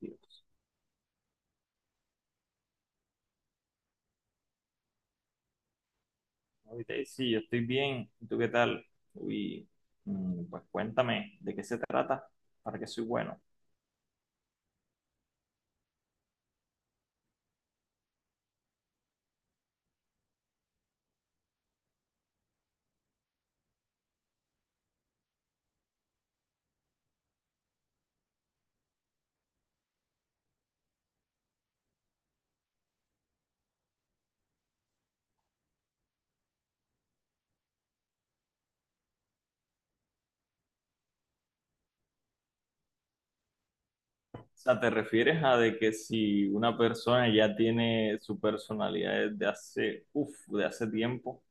Dios. Ahorita sí, yo estoy bien. ¿Y tú qué tal? Uy, pues cuéntame de qué se trata, para qué soy bueno. O sea, ¿te refieres a de que si una persona ya tiene su personalidad desde hace, uf, de hace tiempo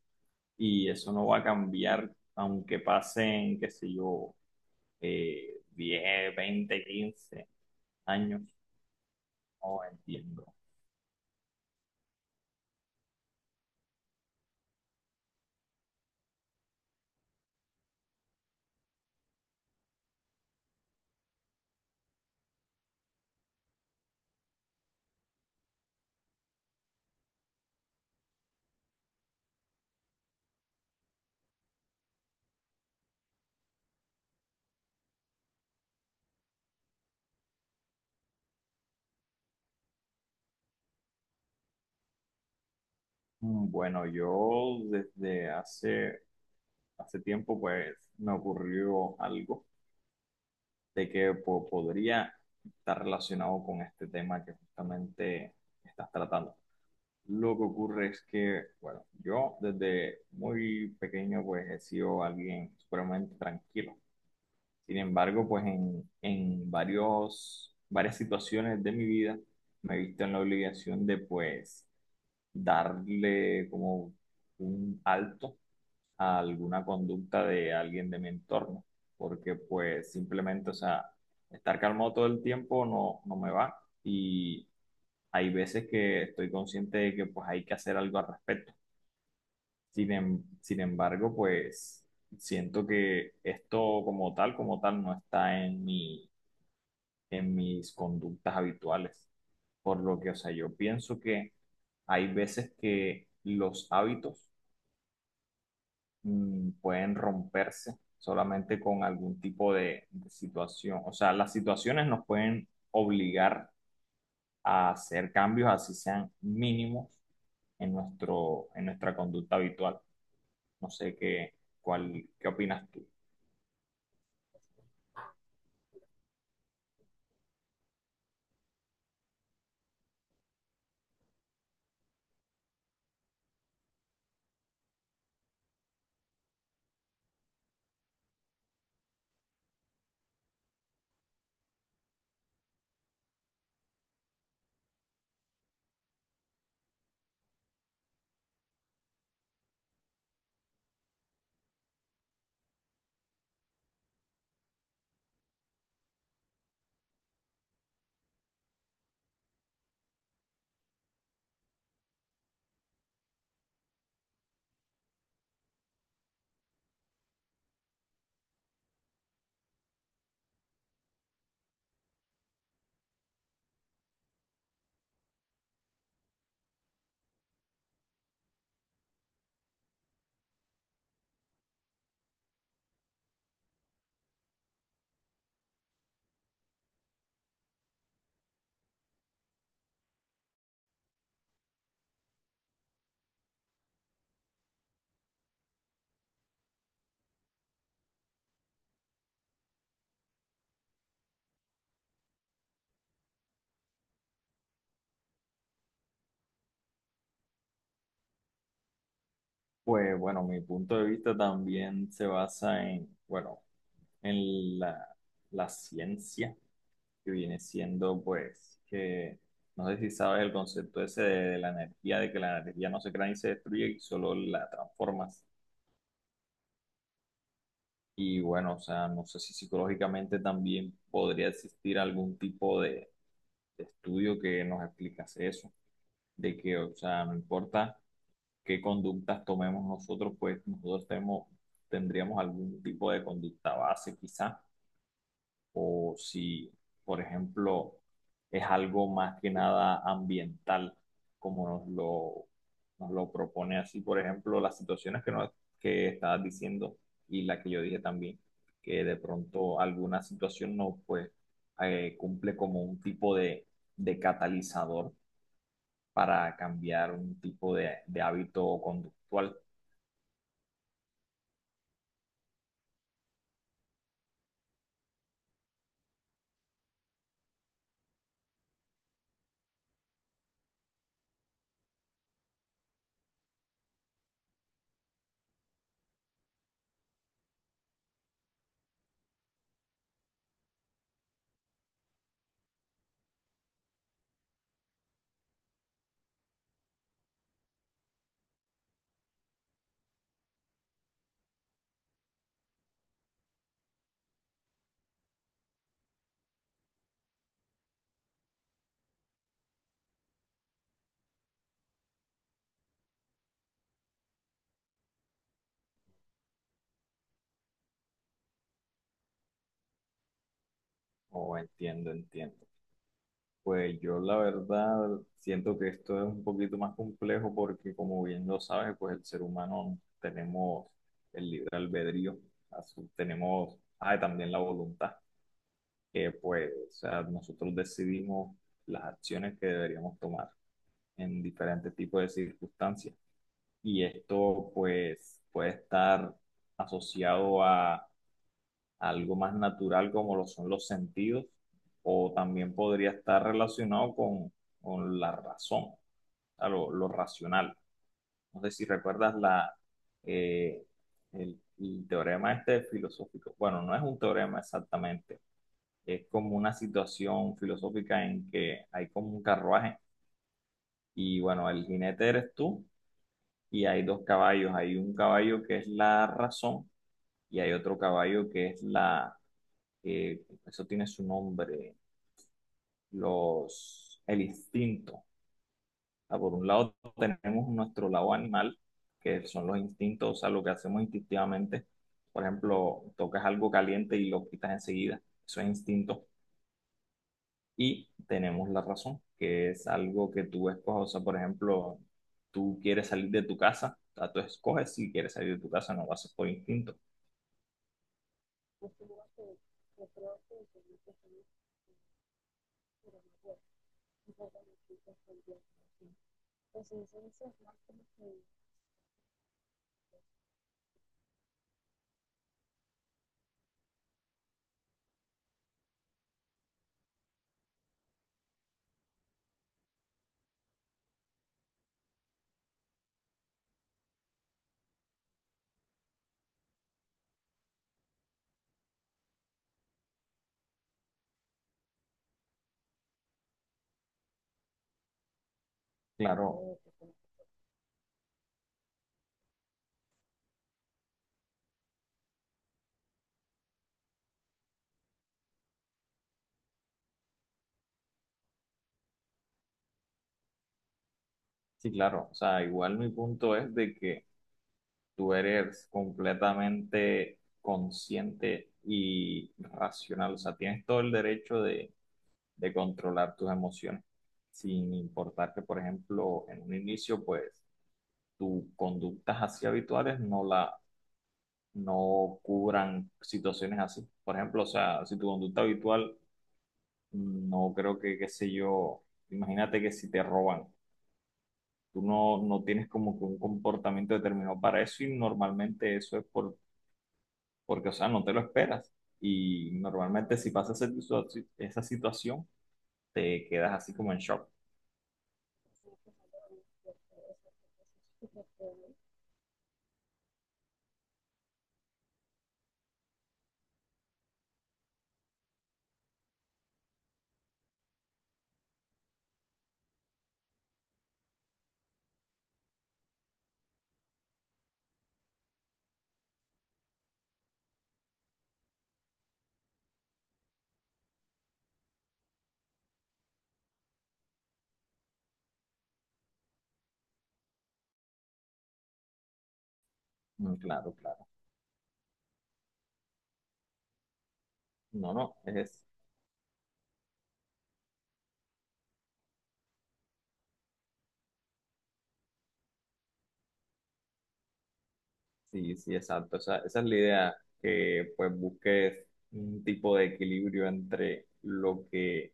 y eso no va a cambiar aunque pasen, qué sé yo, 10, 20, 15 años? Oh, entiendo. Mm, bueno, yo desde hace tiempo pues me ocurrió algo de que podría estar relacionado con este tema que justamente estás tratando. Lo que ocurre es que, bueno, yo desde muy pequeño pues he sido alguien supremamente tranquilo. Sin embargo, pues en varias situaciones de mi vida me he visto en la obligación de pues darle como un alto a alguna conducta de alguien de mi entorno, porque pues simplemente, o sea, estar calmado todo el tiempo no me va y hay veces que estoy consciente de que pues hay que hacer algo al respecto. Sin embargo, pues siento que esto como tal, no está en en mis conductas habituales, por lo que, o sea, yo pienso que hay veces que los hábitos pueden romperse solamente con algún tipo de situación. O sea, las situaciones nos pueden obligar a hacer cambios, así sean mínimos, en en nuestra conducta habitual. No sé qué opinas tú. Pues bueno, mi punto de vista también se basa en, bueno, en la ciencia que viene siendo, pues, que no sé si sabes el concepto ese de la energía, de que la energía no se crea ni se destruye y solo la transformas. Y bueno, o sea, no sé si psicológicamente también podría existir algún tipo de estudio que nos explicase eso, de que, o sea, no importa qué conductas tomemos nosotros, pues nosotros tenemos, tendríamos algún tipo de conducta base quizá o si, por ejemplo, es algo más que nada ambiental, como nos nos lo propone así, por ejemplo, las situaciones que, que estabas diciendo y la que yo dije también, que de pronto alguna situación no pues, cumple como un tipo de catalizador para cambiar un tipo de hábito conductual, o entiendo, entiendo. Pues yo la verdad siento que esto es un poquito más complejo porque como bien lo sabes, pues el ser humano tenemos el libre albedrío, tenemos ah, y también la voluntad, que pues o sea, nosotros decidimos las acciones que deberíamos tomar en diferentes tipos de circunstancias. Y esto pues puede estar asociado a algo más natural como lo son los sentidos, o también podría estar relacionado con la razón, o sea, lo racional. No sé si recuerdas eh, el teorema este filosófico. Bueno, no es un teorema exactamente, es como una situación filosófica en que hay como un carruaje y bueno, el jinete eres tú y hay dos caballos. Hay un caballo que es la razón y hay otro caballo que es que eso tiene su nombre, el instinto. O sea, por un lado tenemos nuestro lado animal, que son los instintos, o sea, lo que hacemos instintivamente. Por ejemplo, tocas algo caliente y lo quitas enseguida. Eso es instinto. Y tenemos la razón, que es algo que tú escoges. O sea, por ejemplo, tú quieres salir de tu casa, o sea, tú escoges si quieres salir de tu casa, no lo haces por instinto. Claro, sí, claro. O sea, igual mi punto es de que tú eres completamente consciente y racional. O sea, tienes todo el derecho de controlar tus emociones, sin importar que, por ejemplo, en un inicio, pues, tus conductas así habituales no cubran situaciones así. Por ejemplo, o sea, si tu conducta habitual, no creo que, qué sé yo, imagínate que si te roban, tú no tienes como que un comportamiento determinado para eso y normalmente eso es porque, o sea, no te lo esperas. Y normalmente si pasa esa situación, te quedas así como en shock. Mm, claro, claro. No, no, es Sí, sí, exacto. Esa es la idea, que pues busques un tipo de equilibrio entre lo que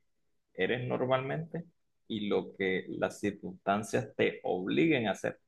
eres normalmente y lo que las circunstancias te obliguen a hacer.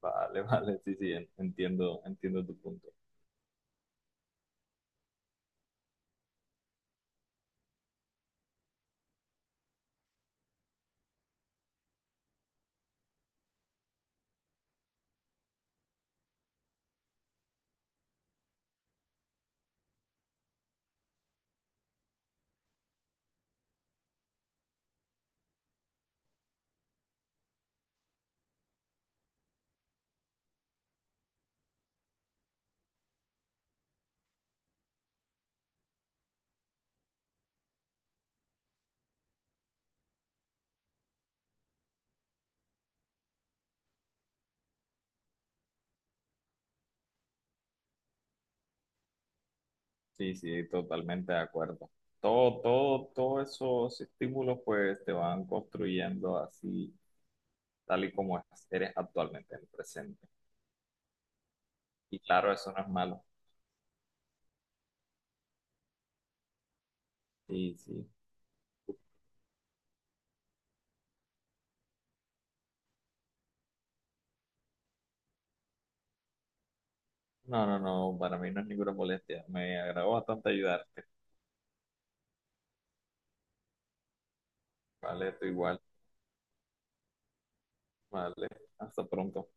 Vale, vale, sí, sí, entiendo, entiendo tu punto. Sí, sí, totalmente de acuerdo. Todos esos estímulos pues te van construyendo así, tal y como eres actualmente en el presente. Y claro, eso no es malo. Sí, sí. No, no, no, para mí no es ninguna molestia. Me agradó bastante ayudarte. Vale, tú igual. Vale, hasta pronto.